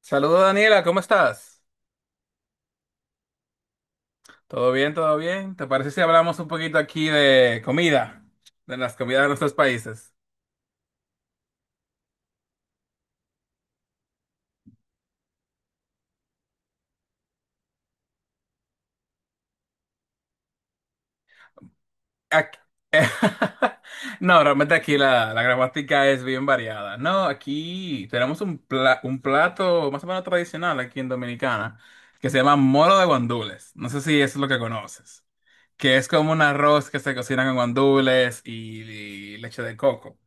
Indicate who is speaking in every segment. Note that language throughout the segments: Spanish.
Speaker 1: Saludos, Daniela, ¿cómo estás? ¿Todo bien, todo bien? ¿Te parece si hablamos un poquito aquí de comida? De las comidas de nuestros países. Ac- No, realmente aquí la gramática es bien variada. No, aquí tenemos un plato más o menos tradicional aquí en Dominicana que se llama moro de guandules. No sé si eso es lo que conoces. Que es como un arroz que se cocina con guandules y leche de coco.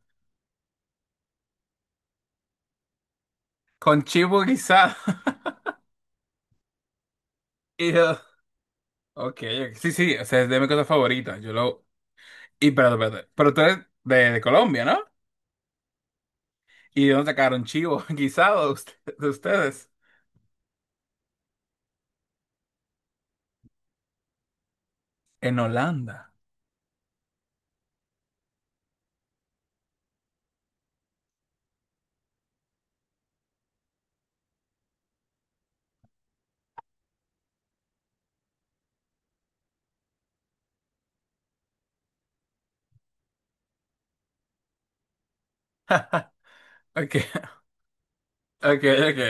Speaker 1: Con chivo guisado. Y, Ok, ok. Sí, sí, o sea, es de mi cosa favorita. Yo lo. Y perdón. Pero tú eres de Colombia, ¿no? ¿Y de dónde sacaron chivo guisado de ustedes? En Holanda. Ok, ok, ok.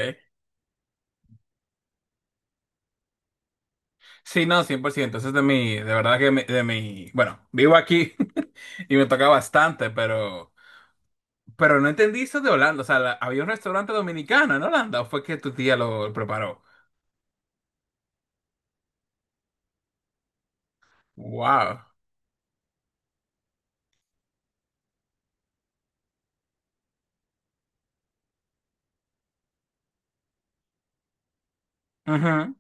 Speaker 1: Sí, no, 100%. Eso es de mi. De verdad que de mi. Bueno, vivo aquí y me toca bastante, pero. Pero no entendí eso de Holanda. O sea, había un restaurante dominicano en Holanda, ¿o fue que tu tía lo preparó? Wow. Ujú.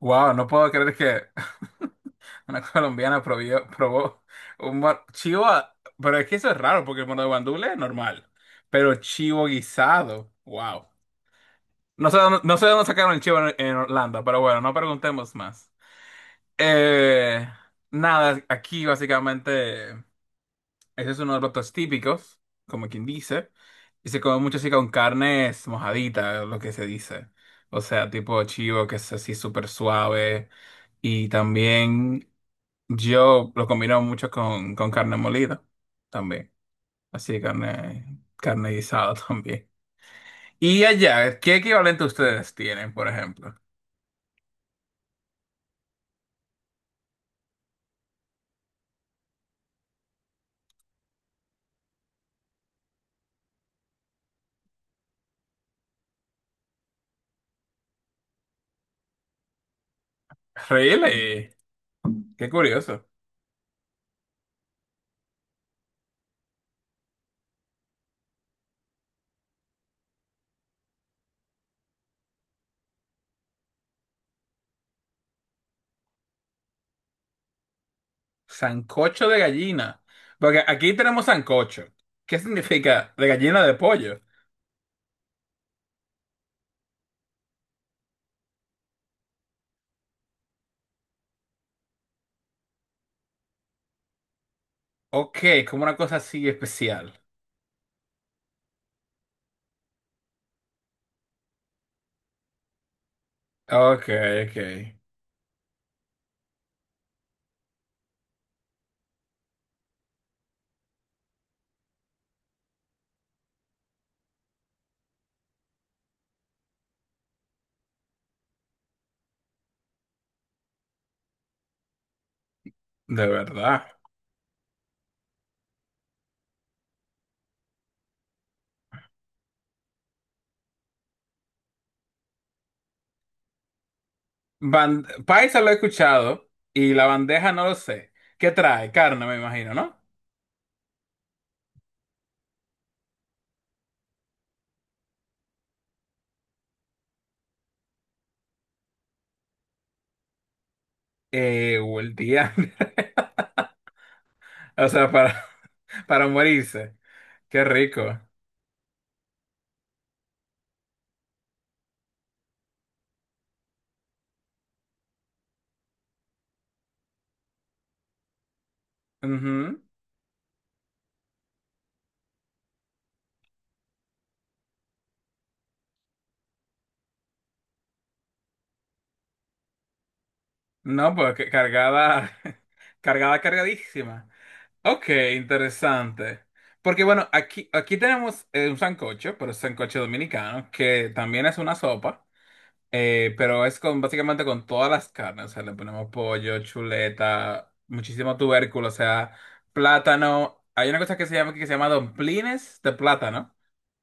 Speaker 1: Wow, no puedo creer que. Una colombiana probó chivo, pero es que eso es raro porque el mono de guandule es normal, pero chivo guisado, wow. No sé dónde, no sé dónde sacaron el chivo en Orlando, pero bueno, no preguntemos más. Eh, Nada, aquí básicamente. Ese es uno de los platos típicos, como quien dice. Y se come mucho así con carnes mojaditas, lo que se dice. O sea, tipo chivo, que es así súper suave. Y también yo lo combino mucho con carne molida, también. Así carne guisada también. Y allá, ¿qué equivalente ustedes tienen, por ejemplo? Really, qué curioso. Sancocho de gallina. Porque aquí tenemos sancocho. ¿Qué significa de gallina de pollo? Ok, como una cosa así especial. Ok, ok. De verdad. Paisa lo he escuchado y la bandeja no lo sé. ¿Qué trae? Carne, me imagino, ¿no? O el día. O sea, para, para morirse. Qué rico. Ujú. No, pues cargada, cargada, cargadísima. Ok, interesante. Porque bueno, aquí tenemos un sancocho, pero es sancocho dominicano, que también es una sopa. Pero es con básicamente con todas las carnes, o sea, le ponemos pollo, chuleta, muchísimo tubérculo, o sea, plátano. Hay una cosa que se llama domplines de plátano.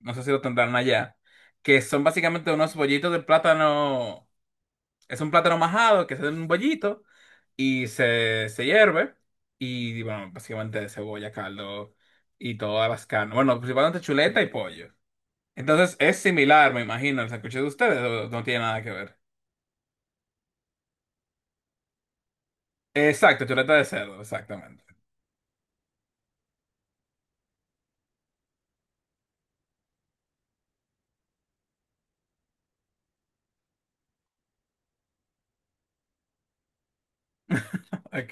Speaker 1: No sé si lo tendrán allá, que son básicamente unos bollitos de plátano. Es un plátano majado que se hace en un bollito y se hierve y bueno, básicamente de cebolla, caldo y todas las carnes. Bueno, principalmente chuleta y pollo. Entonces es similar, me imagino, el sancocho de ustedes, o no tiene nada que ver. Exacto, chuleta de cerdo, exactamente. Ok.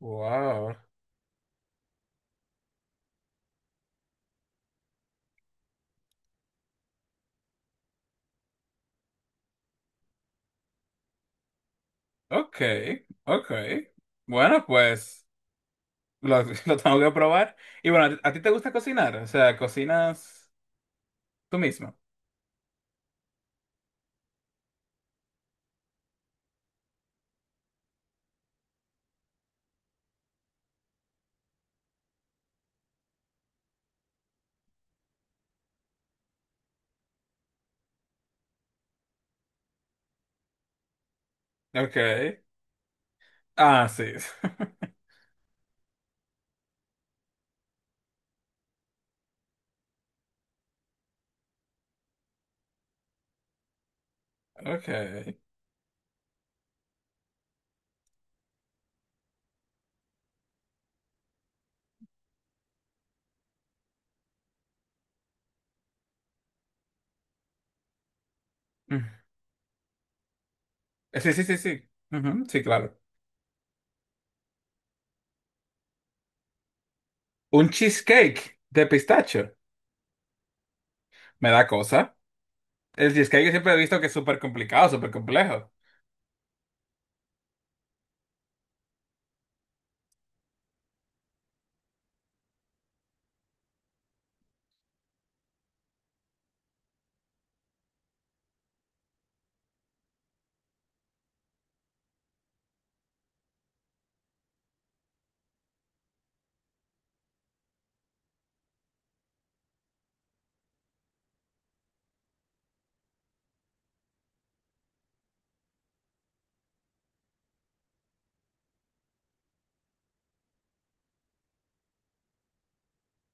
Speaker 1: Wow. Ok, ok. Bueno, pues lo, lo tengo que probar. Y bueno, a ti te gusta cocinar? O sea, ¿cocinas tú mismo? Ok. Ah, sí. Ok. Mm. Sí, sí, sí, sí. Ujú, sí, claro. Un cheesecake de pistacho. Me da cosa. El cheesecake siempre he visto que es súper complicado, súper complejo.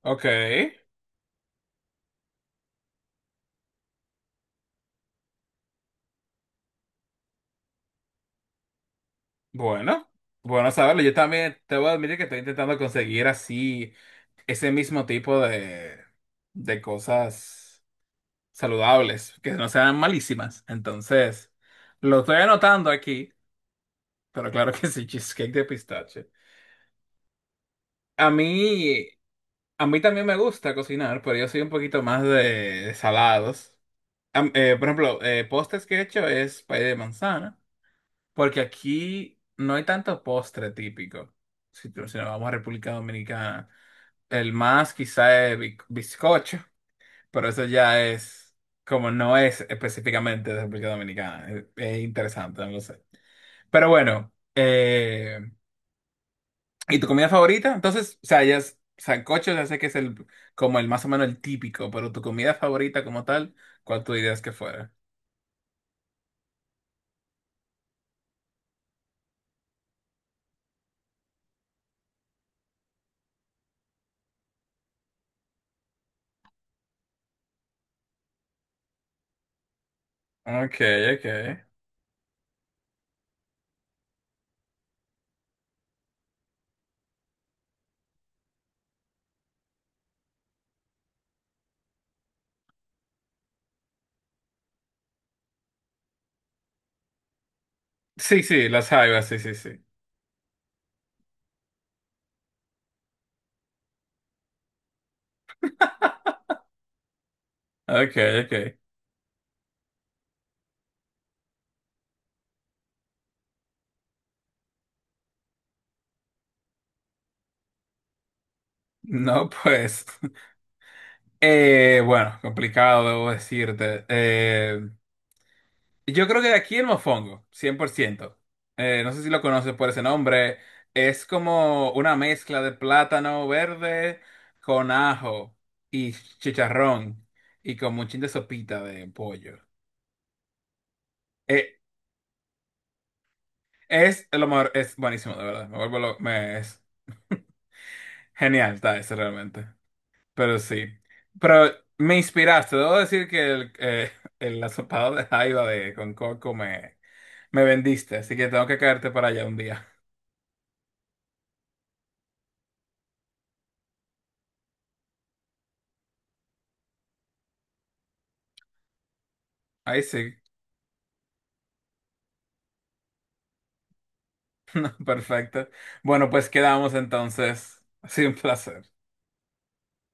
Speaker 1: Ok. Bueno, bueno saberlo. Yo también te voy a admitir que estoy intentando conseguir así ese mismo tipo de cosas saludables, que no sean malísimas. Entonces, lo estoy anotando aquí, pero claro que sí, cheesecake de pistache. A a mí también me gusta cocinar, pero yo soy un poquito más de salados. Por ejemplo, postres que he hecho es pay de manzana. Porque aquí no hay tanto postre típico. Si, si nos vamos a República Dominicana, el más quizá es bizcocho, pero eso ya es como no es específicamente de República Dominicana. Es interesante, no lo sé. Pero bueno, ¿y tu comida favorita? Entonces, o sea, ya es sancocho, ya sé que es el como el más o menos el típico, pero tu comida favorita como tal, ¿cuál tú dirías que fuera? Ok, ok. Sí, sí, las jaivas, sí, sí, sí. Ok, ok. No, pues, bueno, complicado, debo decirte. Yo creo que de aquí el mofongo, 100%. No sé si lo conoces por ese nombre. Es como una mezcla de plátano verde con ajo y chicharrón y como un chin de sopita de pollo. Eh, es lo mejor, es buenísimo, de verdad. Me vuelvo me, es genial, está ese realmente. Pero sí. Pero me inspiraste. Debo decir que el asopado de jaiba de con me vendiste. Así que tengo que caerte para allá un día. Ahí sí. Perfecto. Bueno, pues quedamos entonces. Ha sido un placer.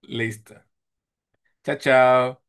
Speaker 1: Listo. Chao, chao.